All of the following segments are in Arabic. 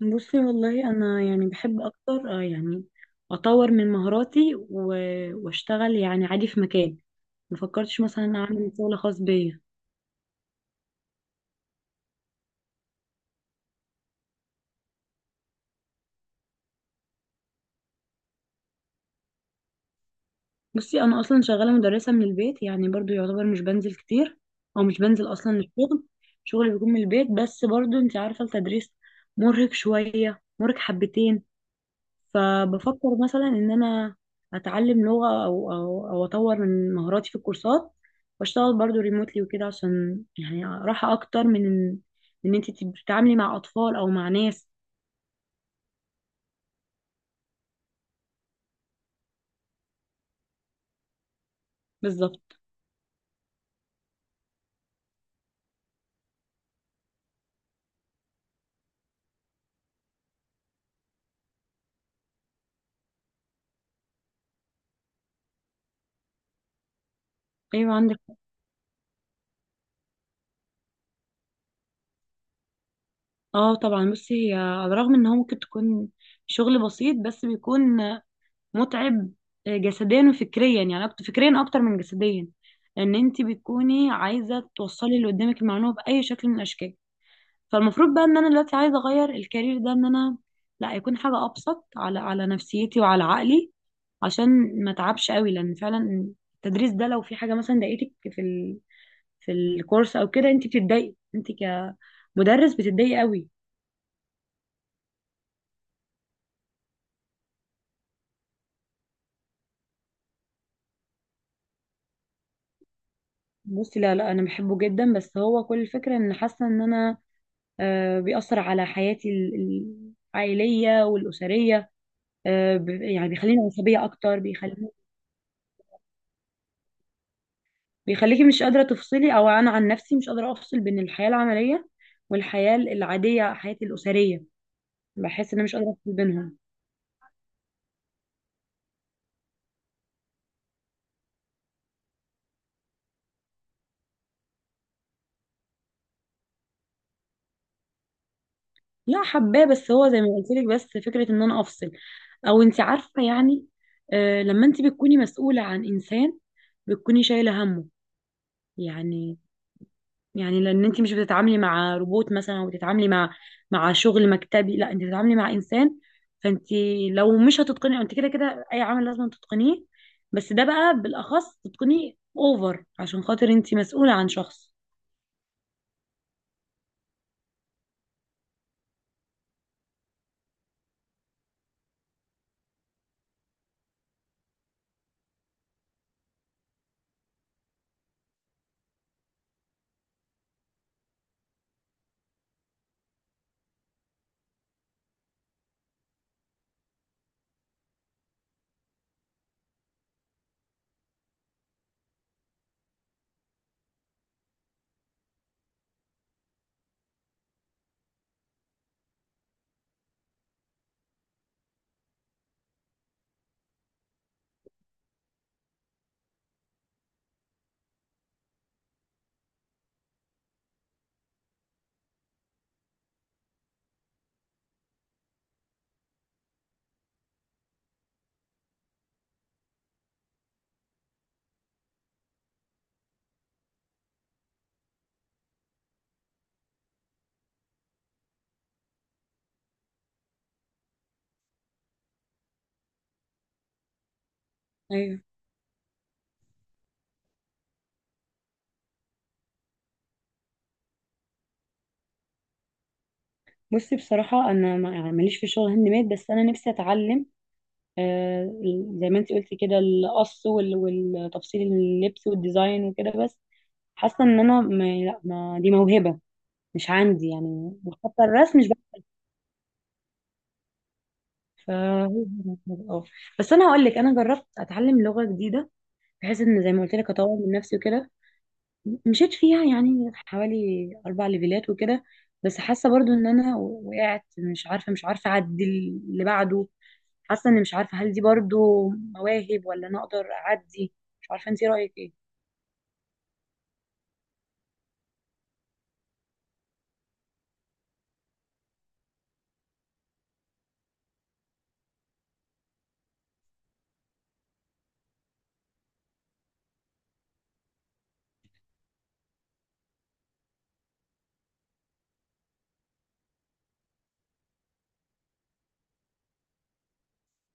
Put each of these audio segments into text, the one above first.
بصي والله انا يعني بحب اكتر يعني اطور من مهاراتي واشتغل يعني عادي في مكان. ما فكرتش مثلا اعمل شغل خاص بيا. بصي انا اصلا شغاله مدرسه من البيت، يعني برضو يعتبر مش بنزل كتير، او مش بنزل اصلا للشغل. شغلي بيكون من البيت، بس برضو انت عارفه التدريس مرهق شويه، مرهق حبتين. فبفكر مثلا ان انا اتعلم لغة او اطور من مهاراتي في الكورسات، واشتغل برضو ريموتلي وكده، عشان يعني راحة اكتر من إن انت تتعاملي مع اطفال او مع ناس. بالظبط. ايوه عندك. اه طبعا. بصي هي على الرغم ان هو ممكن تكون شغل بسيط، بس بيكون متعب، جسديا وفكريا، يعني اكتر فكريا اكتر من جسديا، لان انت بتكوني عايزة توصلي اللي قدامك المعلومة بأي شكل من الاشكال. فالمفروض بقى ان انا دلوقتي عايزه اغير الكارير ده، ان انا لا يكون حاجه ابسط على نفسيتي وعلى عقلي، عشان ما اتعبش قوي، لان فعلا التدريس ده لو في حاجه مثلا ضايقتك في في الكورس او كده، انت بتتضايقي، انت كمدرس بتتضايقي قوي. بصي لا، انا بحبه جدا، بس هو كل الفكره ان حاسه ان انا بيأثر على حياتي العائليه والاسريه. يعني بيخليني عصبيه اكتر، بيخليني بيخليكي مش قادرة تفصلي. أو أنا عن نفسي مش قادرة أفصل بين الحياة العملية والحياة العادية، حياتي الأسرية. بحس إن أنا مش قادرة أفصل بينهم. لا حباه، بس هو زي ما قلت لك، بس فكرة إن أنا أفصل أو أنت عارفة يعني. آه، لما أنت بتكوني مسؤولة عن إنسان بتكوني شايلة همه يعني. يعني لان انت مش بتتعاملي مع روبوت مثلا، وبتتعاملي مع مع شغل مكتبي. لا، انت بتتعاملي مع انسان. فانت لو مش هتتقني، انت كده كده اي عمل لازم تتقنيه، بس ده بقى بالاخص تتقنيه اوفر، عشان خاطر انت مسؤولة عن شخص. ايوه. بصي بصراحة أنا يعني ماليش في الشغل هاند ميد، بس أنا نفسي أتعلم آه زي ما أنت قلتي كده، القص والتفصيل اللبس والديزاين وكده. بس حاسة إن أنا ما دي موهبة مش عندي يعني، وحتى الرسم مش. فهو اه بس انا هقول لك، انا جربت اتعلم لغه جديده، بحيث ان زي ما قلت لك اطور من نفسي وكده. مشيت فيها يعني حوالي 4 ليفلات وكده، بس حاسه برضو ان انا وقعت، مش عارفه اعدي اللي بعده. حاسه اني مش عارفه، هل دي برضو مواهب ولا انا اقدر اعدي؟ مش عارفه انت رايك ايه.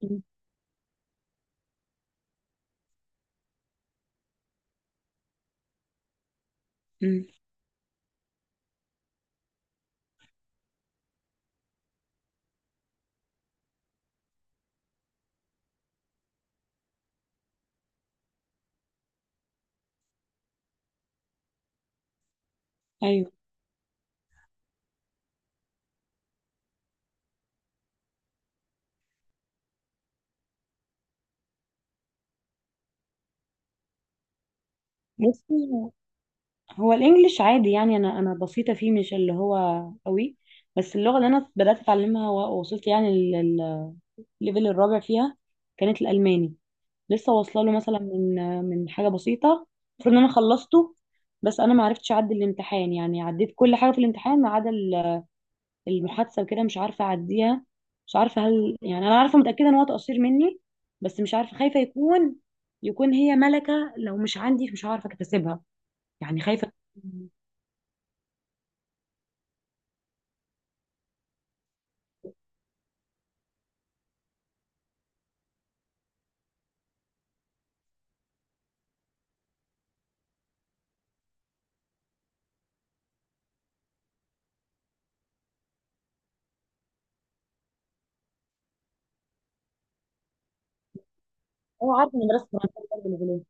م- م. ايوه. بصي هو الانجليش عادي يعني، انا بسيطه فيه، مش اللي هو قوي. بس اللغه اللي انا بدات اتعلمها ووصلت يعني الليفل الرابع فيها، كانت الالماني. لسه واصله له مثلا من حاجه بسيطه. المفروض ان انا خلصته، بس انا ما عرفتش اعدي الامتحان. يعني عديت كل حاجه في الامتحان ما عدا المحادثه وكده، مش عارفه اعديها. مش عارفه هل يعني انا عارفه متاكده ان هو تقصير مني، بس مش عارفه، خايفه يكون يكون هي ملكه لو مش عندي مش عارفه اكتسبها يعني، خايفه. هو عارف ان مدرسه فرنسا برضه ليفلين.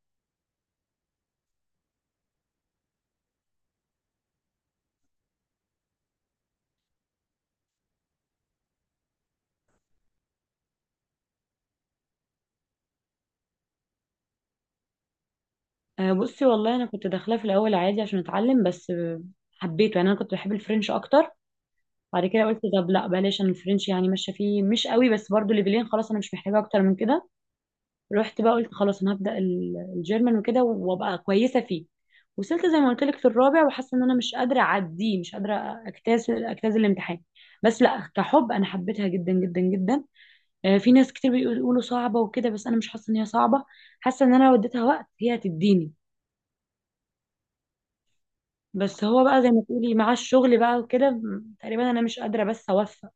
بصي والله انا كنت داخلاه في الاول عادي عشان اتعلم، بس حبيته. يعني انا كنت بحب الفرنش اكتر. بعد كده قلت طب لا بلاش، انا الفرنش يعني ماشيه فيه، مش قوي، بس برضو ليفلين خلاص، انا مش محتاجه اكتر من كده. رحت بقى قلت خلاص انا هبدا الجيرمان وكده، وابقى كويسه فيه. وصلت زي ما قلت لك في الرابع، وحاسه ان انا مش قادره اعديه، مش قادره اجتاز الامتحان. بس لا كحب انا حبيتها جدا جدا جدا. في ناس كتير بيقولوا صعبه وكده، بس انا مش حاسه ان هي صعبه. حاسه ان انا لو اديتها وقت هي هتديني. بس هو بقى زي ما تقولي، مع الشغل بقى وكده تقريبا انا مش قادره بس اوفق.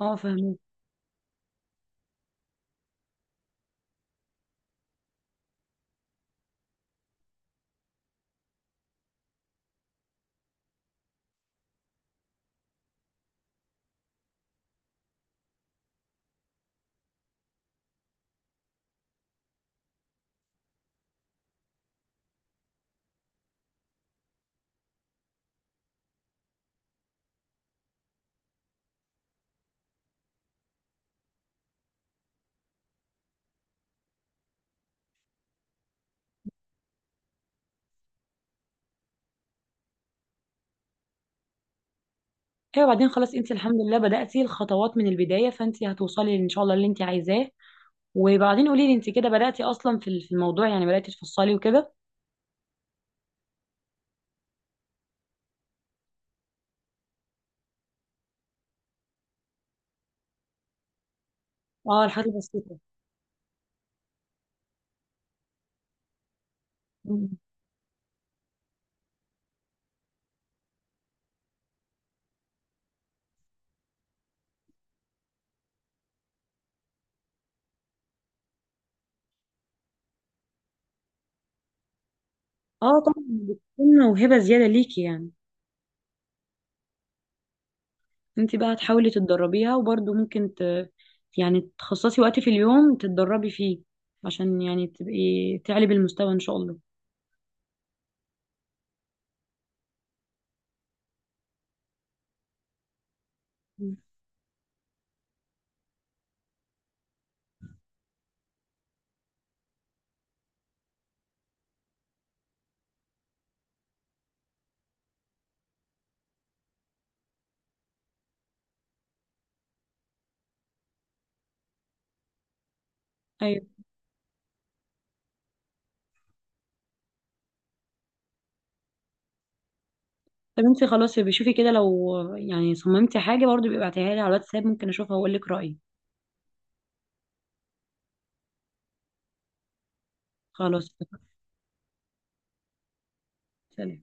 اه فاهمه. ايوه. بعدين خلاص انت الحمد لله بدأتي الخطوات من البداية، فانت هتوصلي ان شاء الله اللي انت عايزاه. وبعدين قولي لي انت كده بدأتي اصلا في الموضوع، يعني بدأتي تفصلي وكده؟ اه الحاجات البسيطة. مم. اه طبعا بتكون موهبة زيادة ليكي يعني. انت بقى هتحاولي تتدربيها، وبرضه ممكن يعني تخصصي وقت في اليوم تتدربي فيه، عشان يعني تبقي تعلي بالمستوى ان شاء الله. مم. ايوه. طب انت خلاص، بشوفي كده، لو يعني صممتي حاجة برضه، بيبقى ابعتيها لي على الواتساب، ممكن اشوفها واقول لك رأيي. خلاص. سلام.